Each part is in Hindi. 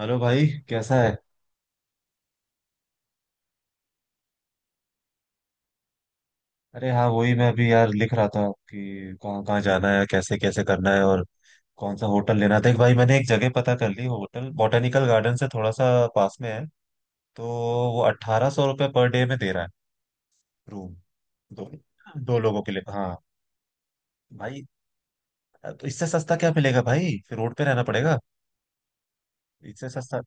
हेलो भाई, कैसा है। अरे हाँ, वही मैं अभी यार लिख रहा था कि कहाँ कहाँ जाना है, कैसे कैसे करना है। और कौन सा होटल लेना था। एक भाई, मैंने एक जगह पता कर ली, होटल बॉटेनिकल गार्डन से थोड़ा सा पास में है। तो वो 1800 रुपये पर डे में दे रहा है, रूम। दो दो लोगों के लिए हाँ। भाई तो इससे सस्ता क्या मिलेगा भाई, फिर रोड पे रहना पड़ेगा। इससे सस्ता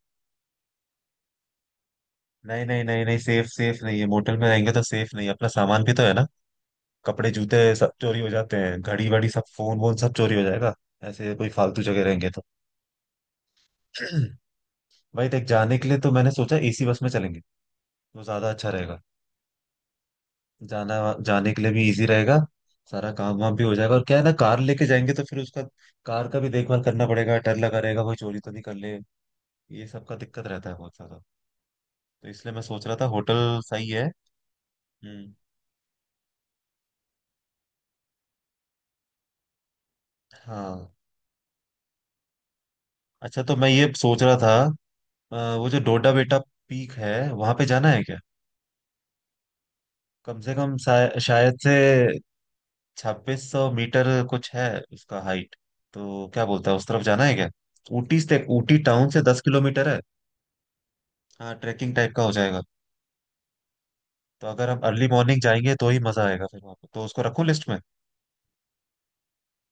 नहीं। नहीं नहीं नहीं, सेफ सेफ नहीं है, मोटल में रहेंगे तो सेफ नहीं है, अपना सामान भी तो है ना। कपड़े जूते सब चोरी हो जाते हैं, घड़ी वड़ी सब, फोन वोन सब चोरी हो जाएगा, ऐसे कोई फालतू जगह रहेंगे तो। भाई देख, जाने के लिए तो मैंने सोचा एसी बस में चलेंगे, वो ज्यादा अच्छा रहेगा। जाना, जाने के लिए भी इजी रहेगा, सारा काम वाम भी हो जाएगा। और क्या है ना, कार लेके जाएंगे तो फिर उसका, कार का भी देखभाल करना पड़ेगा, डर लगा रहेगा कोई चोरी तो नहीं कर ले। ये सब का दिक्कत रहता है बहुत ज्यादा। तो इसलिए मैं सोच रहा था होटल सही है। हम्म। हाँ। अच्छा तो मैं ये सोच रहा था, वो जो डोडा बेटा पीक है वहां पे जाना है क्या? कम से कम शायद से 2600 मीटर कुछ है उसका हाइट। तो क्या बोलता है, उस तरफ जाना है क्या? ऊटी से, ऊटी टाउन से 10 किलोमीटर है। हाँ ट्रैकिंग टाइप का हो जाएगा। तो अगर हम अर्ली मॉर्निंग जाएंगे तो ही मजा आएगा फिर वहाँ पे, तो उसको रखूं लिस्ट में?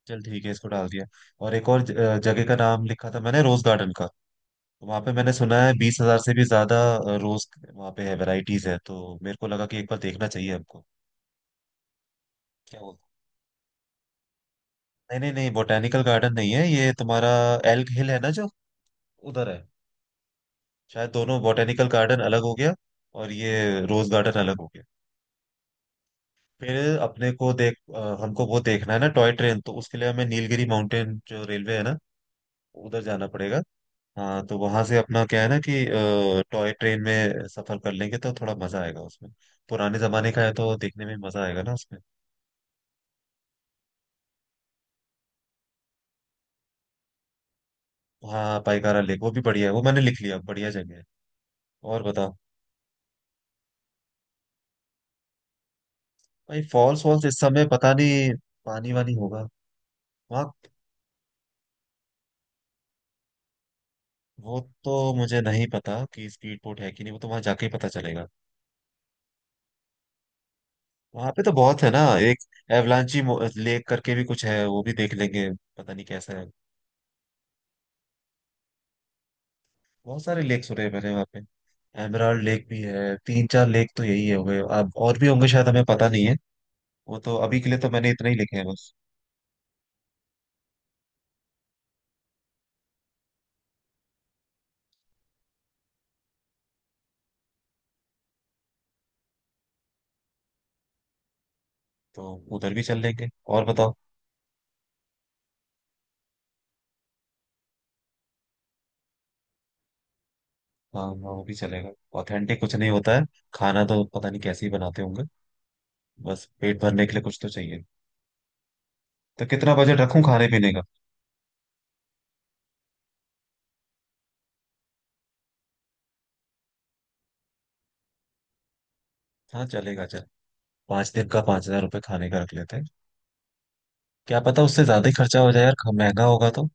चल ठीक है, इसको डाल दिया। और एक और जगह का नाम लिखा था मैंने, रोज गार्डन का। वहाँ पे मैंने सुना है 20 हजार से भी ज्यादा रोज वहाँ पे है, वेराइटीज है, तो मेरे को लगा कि एक बार देखना चाहिए हमको। क्या बोलते, नहीं नहीं नहीं, बोटेनिकल गार्डन नहीं है ये तुम्हारा। एल्ग हिल है ना जो, उधर है। शायद दोनों, बॉटेनिकल गार्डन अलग हो गया और ये रोज गार्डन अलग हो गया। फिर अपने को देख, हमको वो देखना है ना टॉय ट्रेन, तो उसके लिए हमें नीलगिरी माउंटेन जो रेलवे है ना, उधर जाना पड़ेगा। हाँ तो वहां से अपना क्या है ना कि टॉय ट्रेन में सफर कर लेंगे तो थोड़ा मजा आएगा उसमें। पुराने जमाने का है तो देखने में मजा आएगा ना उसमें। हाँ पाइकारा लेक, वो भी बढ़िया है, वो मैंने लिख लिया, बढ़िया जगह है। और बताओ। भाई फॉल्स वॉल्स इस समय पता नहीं पानी वानी होगा वहाँ। वो तो मुझे नहीं पता कि स्पीड बोट है कि नहीं, वो तो वहां जाके ही पता चलेगा। वहां पे तो बहुत है ना। एक एवलांची लेक करके भी कुछ है, वो भी देख लेंगे, पता नहीं कैसा है। बहुत सारे लेक सुने हैं मैंने वहाँ पे। एमराल्ड लेक भी है, तीन चार लेक तो यही है हुए, अब और भी होंगे शायद, हमें पता नहीं है। वो तो अभी के लिए तो मैंने इतने ही लिखे हैं बस। तो उधर भी चल लेंगे। और बताओ। हाँ हाँ, वो भी चलेगा। ऑथेंटिक कुछ नहीं होता है, खाना तो पता नहीं कैसे ही बनाते होंगे। बस पेट भरने के लिए कुछ तो चाहिए। तो कितना बजट रखूं खाने पीने का? हाँ चलेगा चल। 5 दिन का 5000 रुपये खाने का रख लेते हैं। क्या पता उससे ज्यादा ही खर्चा हो जाए यार, महंगा होगा तो।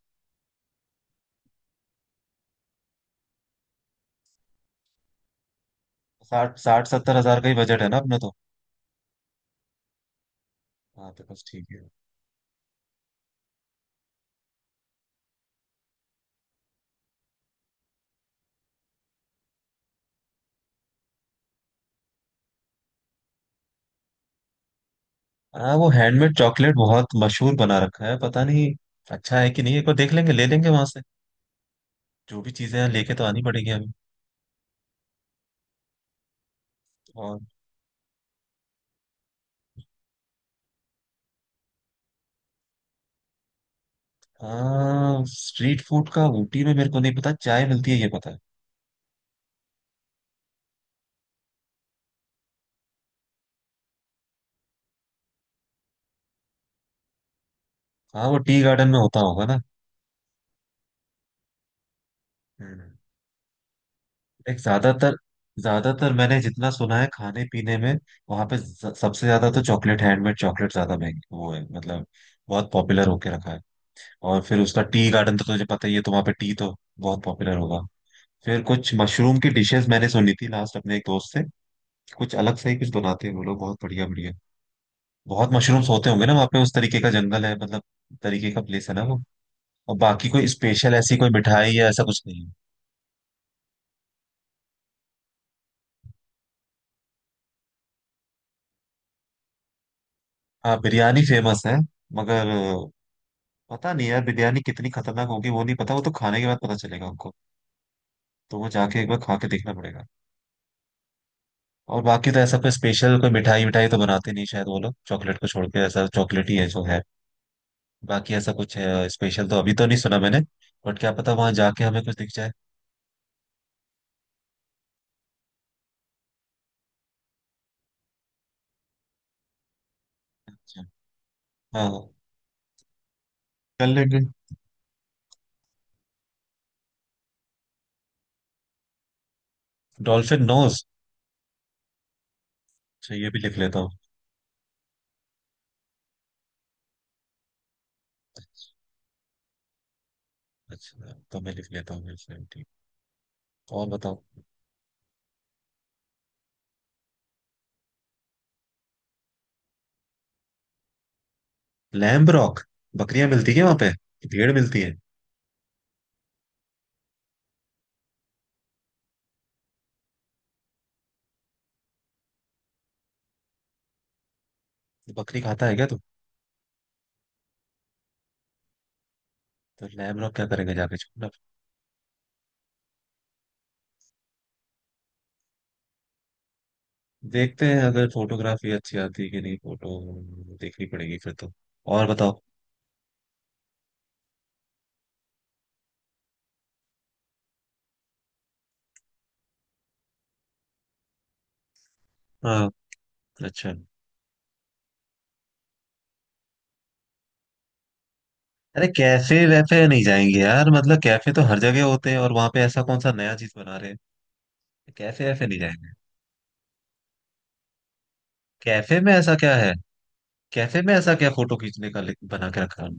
साठ साठ 70 हजार का ही बजट है ना अपना तो। हाँ तो बस ठीक है। हाँ वो हैंडमेड चॉकलेट बहुत मशहूर बना रखा है, पता नहीं अच्छा है कि नहीं, एक बार देख लेंगे, ले लेंगे वहां से जो भी चीजें हैं, लेके तो आनी पड़ेगी हमें। और हाँ, स्ट्रीट फूड का ऊटी में मेरे को नहीं पता, चाय मिलती है ये पता है। हाँ वो टी गार्डन में होता होगा ना। हम्म। एक ज्यादातर, ज्यादातर मैंने जितना सुना है खाने पीने में, वहां पे सबसे ज्यादा तो चॉकलेट, हैंडमेड चॉकलेट ज्यादा महंगी वो है मतलब, बहुत पॉपुलर होके रखा है। और फिर उसका टी गार्डन तो तुझे पता ही है, तो वहां पे टी तो बहुत पॉपुलर होगा। फिर कुछ मशरूम की डिशेस मैंने सुनी थी लास्ट, अपने एक दोस्त से, कुछ अलग से ही कुछ बनाते हैं वो लोग, बहुत बढ़िया बढ़िया। बहुत मशरूम्स होते होंगे ना वहाँ पे, उस तरीके का जंगल है मतलब, तरीके का प्लेस है ना वो। और बाकी कोई स्पेशल ऐसी कोई मिठाई या ऐसा कुछ नहीं है। हाँ बिरयानी फेमस है, मगर पता नहीं यार बिरयानी कितनी खतरनाक होगी वो नहीं पता, वो तो खाने के बाद पता चलेगा उनको। तो वो जाके एक बार खा के देखना पड़ेगा। और बाकी तो ऐसा कोई स्पेशल कोई मिठाई, मिठाई तो बनाते नहीं शायद वो लोग, चॉकलेट को छोड़ के, ऐसा चॉकलेट ही है जो है। बाकी ऐसा कुछ स्पेशल तो अभी तो नहीं सुना मैंने, बट क्या पता वहां जाके हमें कुछ दिख जाए। अच्छा। हाँ हाँ, कर लेंगे। Dolphin Nose. अच्छा ये भी लिख लेता हूँ। अच्छा तो मैं लिख लेता हूँ इसमें, ठीक। और बताओ। Lamb rock. बकरियां मिलती है वहां पे कि भेड़ मिलती है? बकरी खाता है क्या तू? तो लैम्ब रॉक क्या करेंगे जाके? देखते हैं, अगर फोटोग्राफी अच्छी आती है कि नहीं, फोटो देखनी पड़ेगी फिर तो। और बताओ। हाँ। अच्छा। अरे कैफे वैफे नहीं जाएंगे यार, मतलब कैफे तो हर जगह होते हैं, और वहां पे ऐसा कौन सा नया चीज बना रहे हैं। कैफे वैफे नहीं जाएंगे। कैफे में ऐसा क्या है? कैफे में ऐसा क्या फोटो खींचने का लिंक बना के रखा है?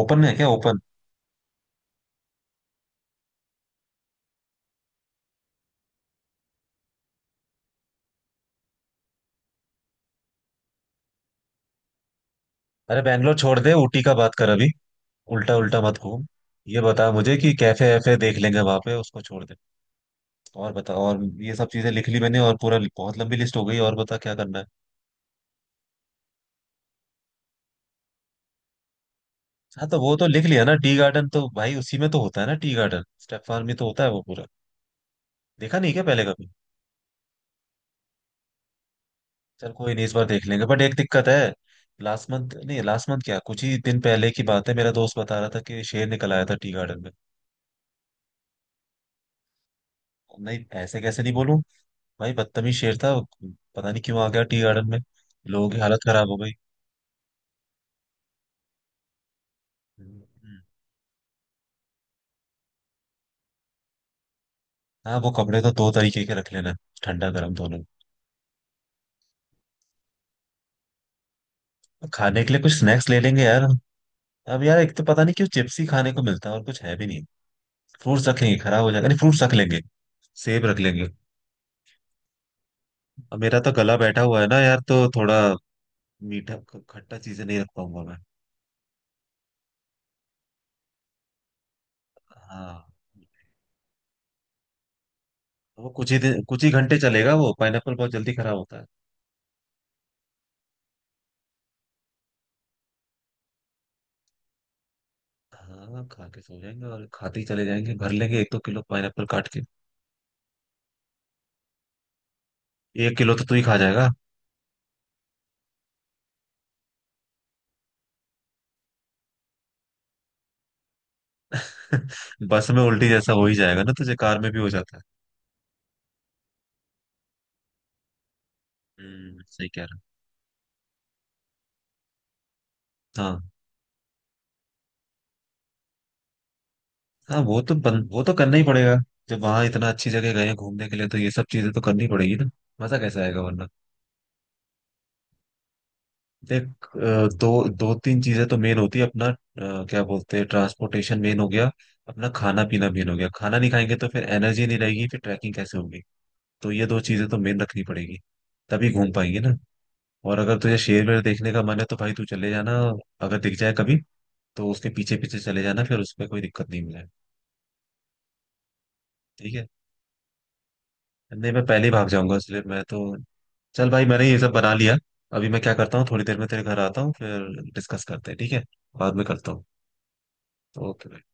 ओपन है क्या ओपन? अरे बैंगलोर छोड़ दे, ऊटी का बात कर अभी। उल्टा उल्टा मत घूम। ये बता मुझे कि कैफे वैफे देख लेंगे वहां पे, उसको छोड़ दे। और बता, और ये सब चीजें लिख ली मैंने, और पूरा बहुत लंबी लिस्ट हो गई, और बता क्या करना है। हाँ तो वो तो लिख लिया ना टी गार्डन, तो भाई उसी में तो होता है ना टी गार्डन, स्टेप फार्म में तो होता है वो पूरा, देखा नहीं क्या पहले कभी? चल कोई नहीं, इस बार देख लेंगे, बट एक दिक्कत है। लास्ट मंथ नहीं, लास्ट मंथ क्या, कुछ ही दिन पहले की बात है, मेरा दोस्त बता रहा था कि शेर निकल आया था टी गार्डन में। नहीं ऐसे कैसे नहीं बोलूं, भाई बदतमीज शेर था, पता नहीं क्यों आ गया टी गार्डन में, लोगों की हालत खराब हो गई। हम्म। हाँ वो कपड़े तो दो तरीके के रख लेना, ठंडा गर्म दोनों। खाने के लिए कुछ स्नैक्स ले लेंगे यार, अब यार एक तो पता नहीं क्यों चिप्स ही खाने को मिलता है और कुछ है भी नहीं। फ्रूट्स रख लेंगे, खराब हो जाएगा, नहीं फ्रूट्स रख लेंगे, सेब रख लेंगे। अब मेरा तो गला बैठा हुआ है ना यार, तो थोड़ा मीठा खट्टा चीजें नहीं रख पाऊंगा मैं। हाँ तो वो कुछ ही दिन, कुछ ही घंटे चलेगा वो पाइनएप्पल, बहुत जल्दी खराब होता है। हाँ खा के सो जाएंगे, और खाते ही चले जाएंगे, भर लेंगे एक दो किलो पाइनएप्पल काट के। एक किलो तो तू ही खा जाएगा। बस में उल्टी जैसा हो ही जाएगा ना, तुझे कार में भी हो जाता है। हम्म, सही कह रहा है। हाँ वो तो वो तो करना ही पड़ेगा, जब वहां इतना अच्छी जगह गए हैं घूमने के लिए तो ये सब चीजें तो करनी पड़ेगी ना, मजा कैसे आएगा वरना। देख, दो दो तीन चीजें तो मेन होती है अपना, क्या बोलते हैं, ट्रांसपोर्टेशन मेन हो गया, अपना खाना पीना मेन हो गया, खाना नहीं खाएंगे तो फिर एनर्जी नहीं रहेगी, फिर ट्रैकिंग कैसे होगी। तो ये दो चीजें तो मेन रखनी पड़ेगी, तभी घूम पाएंगे ना। और अगर तुझे शेर वेर देखने का मन है तो भाई तू चले जाना, अगर दिख जाए कभी तो उसके पीछे पीछे चले जाना, फिर उसमें कोई दिक्कत नहीं, मिला है, ठीक है। नहीं मैं पहले ही भाग जाऊंगा इसलिए मैं तो। चल भाई मैंने ये सब बना लिया, अभी मैं क्या करता हूँ थोड़ी देर में तेरे घर आता हूँ, फिर डिस्कस करते हैं ठीक है, बाद में करता हूँ। ओके।